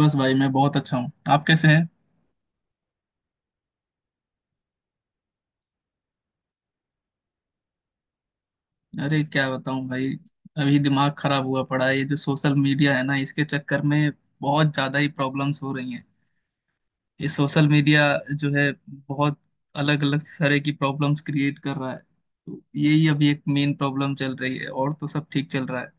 बस भाई मैं बहुत अच्छा हूँ। आप कैसे हैं? अरे क्या बताऊँ भाई। अभी दिमाग खराब हुआ पड़ा है, ये जो सोशल मीडिया है ना, इसके चक्कर में बहुत ज्यादा ही प्रॉब्लम्स हो रही हैं। ये सोशल मीडिया जो है बहुत अलग अलग तरह की प्रॉब्लम्स क्रिएट कर रहा है, तो यही अभी एक मेन प्रॉब्लम चल रही है और तो सब ठीक चल रहा है।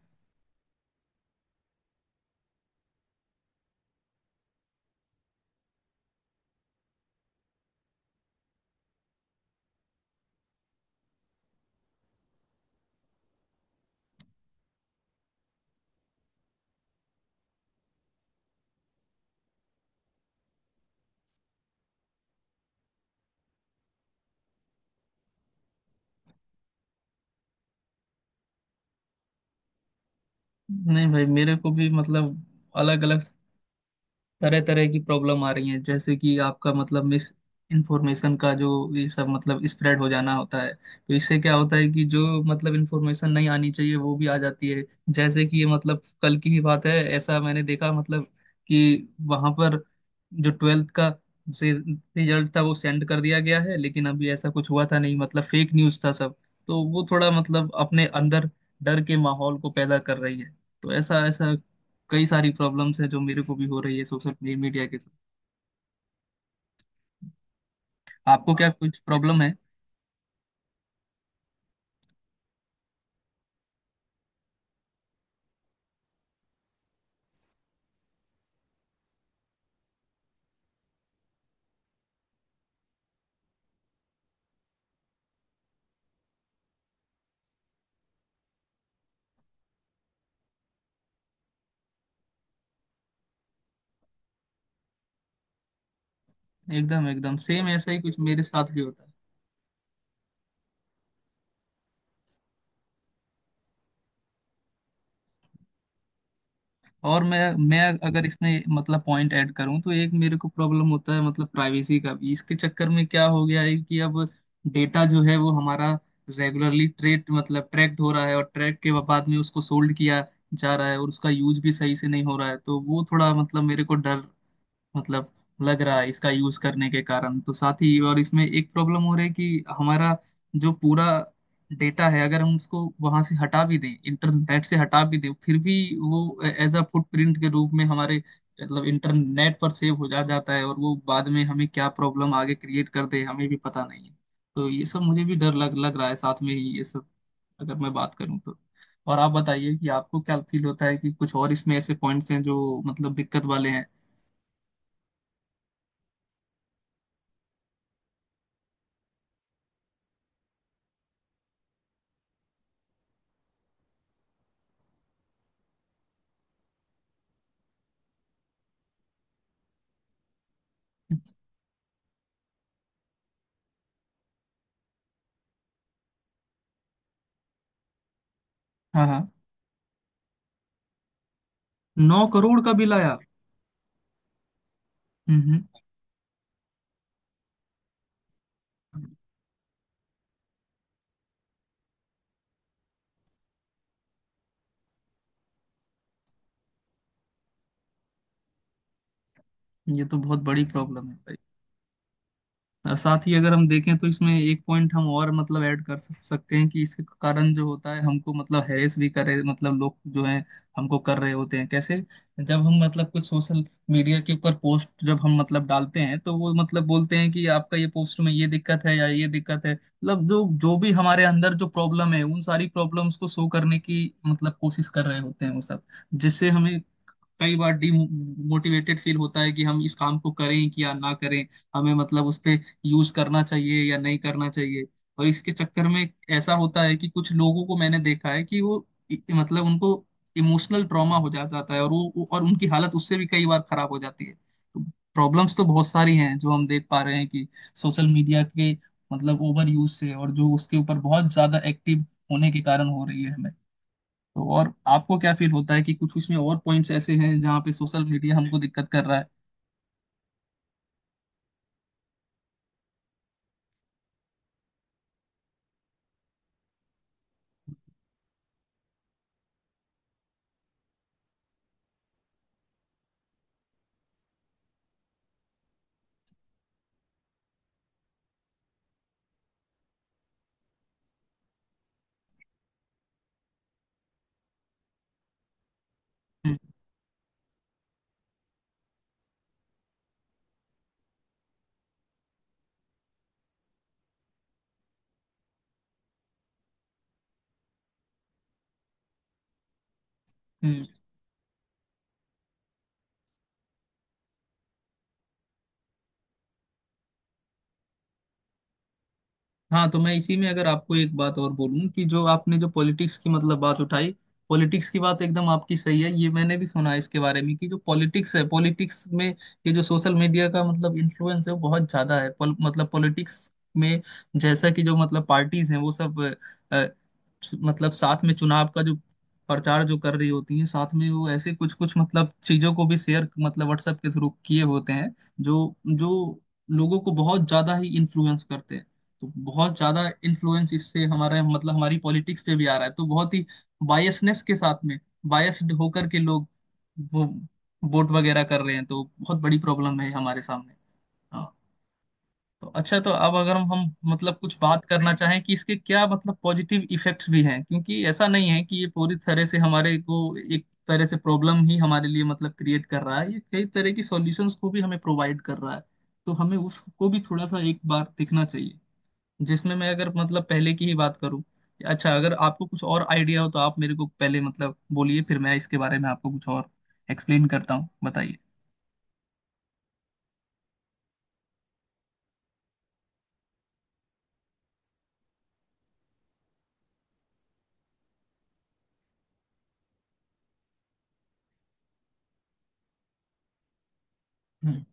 नहीं भाई, मेरे को भी मतलब अलग अलग तरह तरह की प्रॉब्लम आ रही है। जैसे कि आपका मतलब मिस इंफॉर्मेशन का जो ये सब मतलब स्प्रेड हो जाना होता है, तो इससे क्या होता है कि जो मतलब इंफॉर्मेशन नहीं आनी चाहिए वो भी आ जाती है। जैसे कि ये मतलब कल की ही बात है, ऐसा मैंने देखा मतलब कि वहां पर जो ट्वेल्थ का से रिजल्ट था वो सेंड कर दिया गया है, लेकिन अभी ऐसा कुछ हुआ था नहीं, मतलब फेक न्यूज़ था सब। तो वो थोड़ा मतलब अपने अंदर डर के माहौल को पैदा कर रही है। तो ऐसा ऐसा कई सारी प्रॉब्लम्स हैं जो मेरे को भी हो रही है सोशल मीडिया के साथ। आपको क्या कुछ प्रॉब्लम है? एकदम एकदम सेम ऐसा ही कुछ मेरे साथ भी होता है। और मैं अगर इसमें मतलब पॉइंट ऐड करूं तो एक मेरे को प्रॉब्लम होता है मतलब प्राइवेसी का भी। इसके चक्कर में क्या हो गया है कि अब डेटा जो है वो हमारा रेगुलरली ट्रेड मतलब ट्रैक्ड हो रहा है, और ट्रैक के बाद में उसको सोल्ड किया जा रहा है, और उसका यूज भी सही से नहीं हो रहा है। तो वो थोड़ा मतलब मेरे को डर मतलब लग रहा है इसका यूज करने के कारण। तो साथ ही और इसमें एक प्रॉब्लम हो रही है कि हमारा जो पूरा डेटा है अगर हम उसको वहां से हटा भी दें, इंटरनेट से हटा भी दें, फिर भी वो एज अ फुटप्रिंट के रूप में हमारे मतलब इंटरनेट पर सेव हो जा जाता है, और वो बाद में हमें क्या प्रॉब्लम आगे क्रिएट कर दे हमें भी पता नहीं है। तो ये सब मुझे भी डर लग लग रहा है साथ में ही ये सब। अगर मैं बात करूं तो और आप बताइए कि आपको क्या फील होता है कि कुछ और इसमें ऐसे पॉइंट्स हैं जो मतलब दिक्कत वाले हैं। हाँ हाँ। 9 करोड़ का बिल आया? हम्म। ये तो बहुत बड़ी प्रॉब्लम है भाई। और साथ ही अगर हम देखें तो इसमें एक पॉइंट हम और मतलब ऐड कर सकते हैं कि इसके कारण जो होता है हमको मतलब हैरेस भी करे मतलब लोग जो है हमको कर रहे होते हैं। कैसे? जब हम मतलब कुछ सोशल मीडिया के ऊपर पोस्ट जब हम मतलब डालते हैं तो वो मतलब बोलते हैं कि आपका ये पोस्ट में ये दिक्कत है या ये दिक्कत है मतलब जो जो भी हमारे अंदर जो प्रॉब्लम है उन सारी प्रॉब्लम्स को शो करने की मतलब कोशिश कर रहे होते हैं वो सब। जिससे हमें कई बार डिमोटिवेटेड फील होता है कि हम इस काम को करें कि या ना करें, हमें मतलब उस पे यूज करना चाहिए या नहीं करना चाहिए। और इसके चक्कर में ऐसा होता है कि कुछ लोगों को मैंने देखा है कि वो मतलब उनको इमोशनल ट्रॉमा हो जाता है और और उनकी हालत उससे भी कई बार खराब हो जाती है। तो प्रॉब्लम्स तो बहुत सारी हैं जो हम देख पा रहे हैं कि सोशल मीडिया के मतलब ओवर यूज से और जो उसके ऊपर बहुत ज्यादा एक्टिव होने के कारण हो रही है हमें। तो और आपको क्या फील होता है कि कुछ उसमें और पॉइंट्स ऐसे हैं जहाँ पे सोशल मीडिया हमको दिक्कत कर रहा है? हम्म। हाँ तो मैं इसी में अगर आपको एक बात और बोलूं कि जो आपने जो पॉलिटिक्स की मतलब बात उठाई, पॉलिटिक्स की बात एकदम आपकी सही है। ये मैंने भी सुना है इसके बारे में कि जो पॉलिटिक्स है पॉलिटिक्स में ये जो सोशल मीडिया का मतलब इन्फ्लुएंस है वो बहुत ज्यादा है मतलब पॉलिटिक्स में। जैसा कि जो मतलब पार्टीज हैं वो सब अ, अ, मतलब साथ में चुनाव का जो प्रचार जो कर रही होती हैं साथ में, वो ऐसे कुछ कुछ मतलब चीजों को भी शेयर मतलब व्हाट्सएप के थ्रू किए होते हैं जो जो लोगों को बहुत ज्यादा ही इन्फ्लुएंस करते हैं। तो बहुत ज्यादा इन्फ्लुएंस इससे हमारे मतलब हमारी पॉलिटिक्स पे भी आ रहा है। तो बहुत ही बायसनेस के साथ में बायस्ड होकर के लोग वो वोट वगैरह कर रहे हैं, तो बहुत बड़ी प्रॉब्लम है हमारे सामने। हाँ। तो अच्छा तो अब अगर हम मतलब कुछ बात करना चाहें कि इसके क्या मतलब पॉजिटिव इफेक्ट्स भी हैं, क्योंकि ऐसा नहीं है कि ये पूरी तरह से हमारे को एक तरह से प्रॉब्लम ही हमारे लिए मतलब क्रिएट कर रहा है, ये कई तरह की सॉल्यूशंस को भी हमें प्रोवाइड कर रहा है। तो हमें उसको भी थोड़ा सा एक बार देखना चाहिए, जिसमें मैं अगर मतलब पहले की ही बात करूं। अच्छा अगर आपको कुछ और आइडिया हो तो आप मेरे को पहले मतलब बोलिए, फिर मैं इसके बारे में आपको कुछ और एक्सप्लेन करता हूँ, बताइए। हम्म।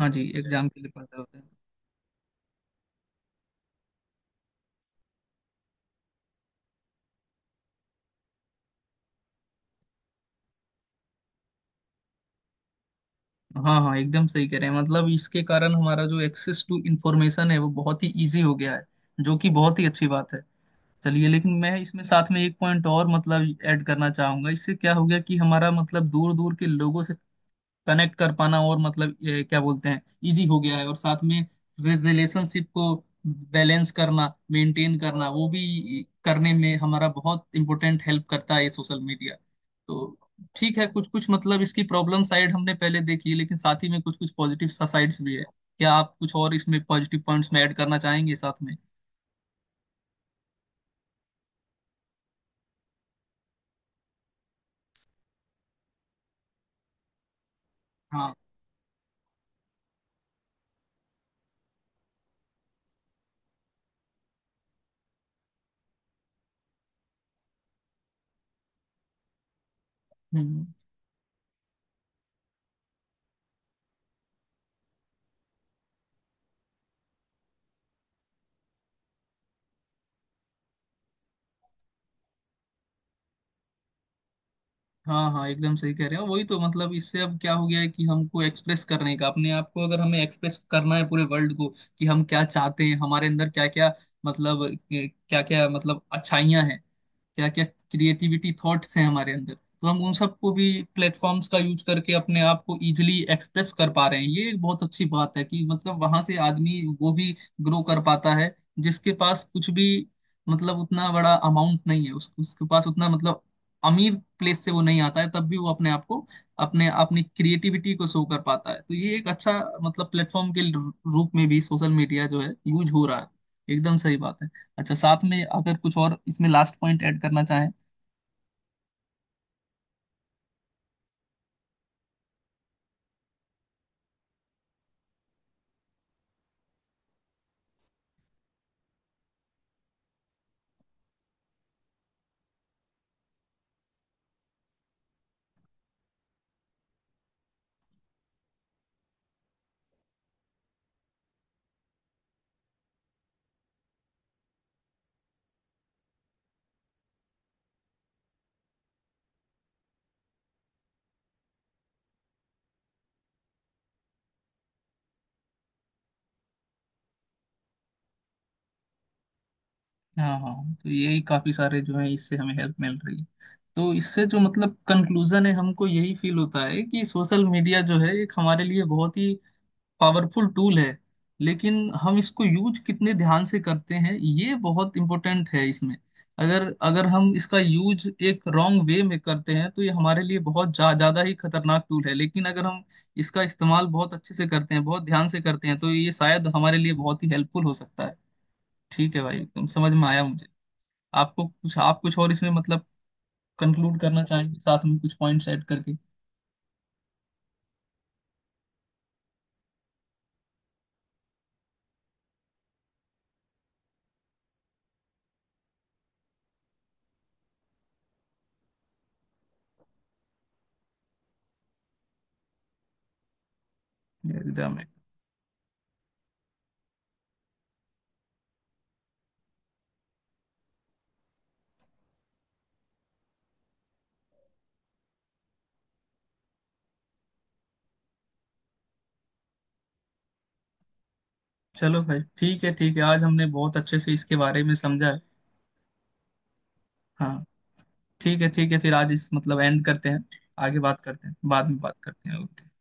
हाँ जी, एग्जाम के लिए पढ़ रहे होते हैं। हाँ हाँ एकदम सही कह रहे हैं, मतलब इसके कारण हमारा जो एक्सेस टू इंफॉर्मेशन है वो बहुत ही इजी हो गया है, जो कि बहुत ही अच्छी बात है। चलिए लेकिन मैं इसमें साथ में एक पॉइंट और मतलब ऐड करना चाहूंगा, इससे क्या हो गया कि हमारा मतलब दूर दूर के लोगों से कनेक्ट कर पाना और मतलब ये क्या बोलते हैं, इजी हो गया है, और साथ में रिलेशनशिप को बैलेंस करना मेंटेन करना वो भी करने में हमारा बहुत इंपॉर्टेंट हेल्प करता है ये सोशल मीडिया। तो ठीक है कुछ कुछ मतलब इसकी प्रॉब्लम साइड हमने पहले देखी है, लेकिन साथ ही में कुछ कुछ पॉजिटिव साइड्स भी है। क्या आप कुछ और इसमें पॉजिटिव पॉइंट्स में ऐड करना चाहेंगे साथ में? हाँ। हम्म। हाँ हाँ एकदम सही कह रहे हो, वही तो मतलब इससे अब क्या हो गया है कि हमको एक्सप्रेस करने का अपने आप को अगर हमें एक्सप्रेस करना है पूरे वर्ल्ड को कि हम क्या चाहते हैं, हमारे अंदर मतलब क्या क्या मतलब अच्छाइयाँ हैं, क्या क्या क्रिएटिविटी थॉट्स हैं हमारे अंदर, तो हम उन सबको भी प्लेटफॉर्म्स का यूज करके अपने आप को इजिली एक्सप्रेस कर पा रहे हैं। ये एक बहुत अच्छी बात है कि मतलब वहां से आदमी वो भी ग्रो कर पाता है जिसके पास कुछ भी मतलब उतना बड़ा अमाउंट नहीं है, उसके पास उतना मतलब अमीर प्लेस से वो नहीं आता है, तब भी वो अपने आप को अपने अपनी क्रिएटिविटी को शो कर पाता है। तो ये एक अच्छा मतलब प्लेटफॉर्म के रूप में भी सोशल मीडिया जो है यूज हो रहा है। एकदम सही बात है। अच्छा साथ में अगर कुछ और इसमें लास्ट पॉइंट ऐड करना चाहें? हाँ हाँ। तो यही काफी सारे जो है इससे हमें हेल्प मिल रही है। तो इससे जो मतलब कंक्लूजन है हमको यही फील होता है कि सोशल मीडिया जो है एक हमारे लिए बहुत ही पावरफुल टूल है, लेकिन हम इसको यूज कितने ध्यान से करते हैं ये बहुत इंपॉर्टेंट है इसमें। अगर अगर हम इसका यूज एक रॉन्ग वे में करते हैं तो ये हमारे लिए बहुत ज्यादा ही खतरनाक टूल है, लेकिन अगर हम इसका इस्तेमाल बहुत अच्छे से करते हैं बहुत ध्यान से करते हैं तो ये शायद हमारे लिए बहुत ही हेल्पफुल हो सकता है। ठीक है भाई एकदम समझ में आया मुझे। आपको कुछ आप कुछ और इसमें मतलब कंक्लूड करना चाहेंगे साथ में कुछ पॉइंट्स ऐड करके? एकदम। चलो भाई ठीक है आज हमने बहुत अच्छे से इसके बारे में समझा है। हाँ। ठीक है फिर आज इस मतलब एंड करते हैं। आगे बात करते हैं बाद में बात करते हैं, ओके।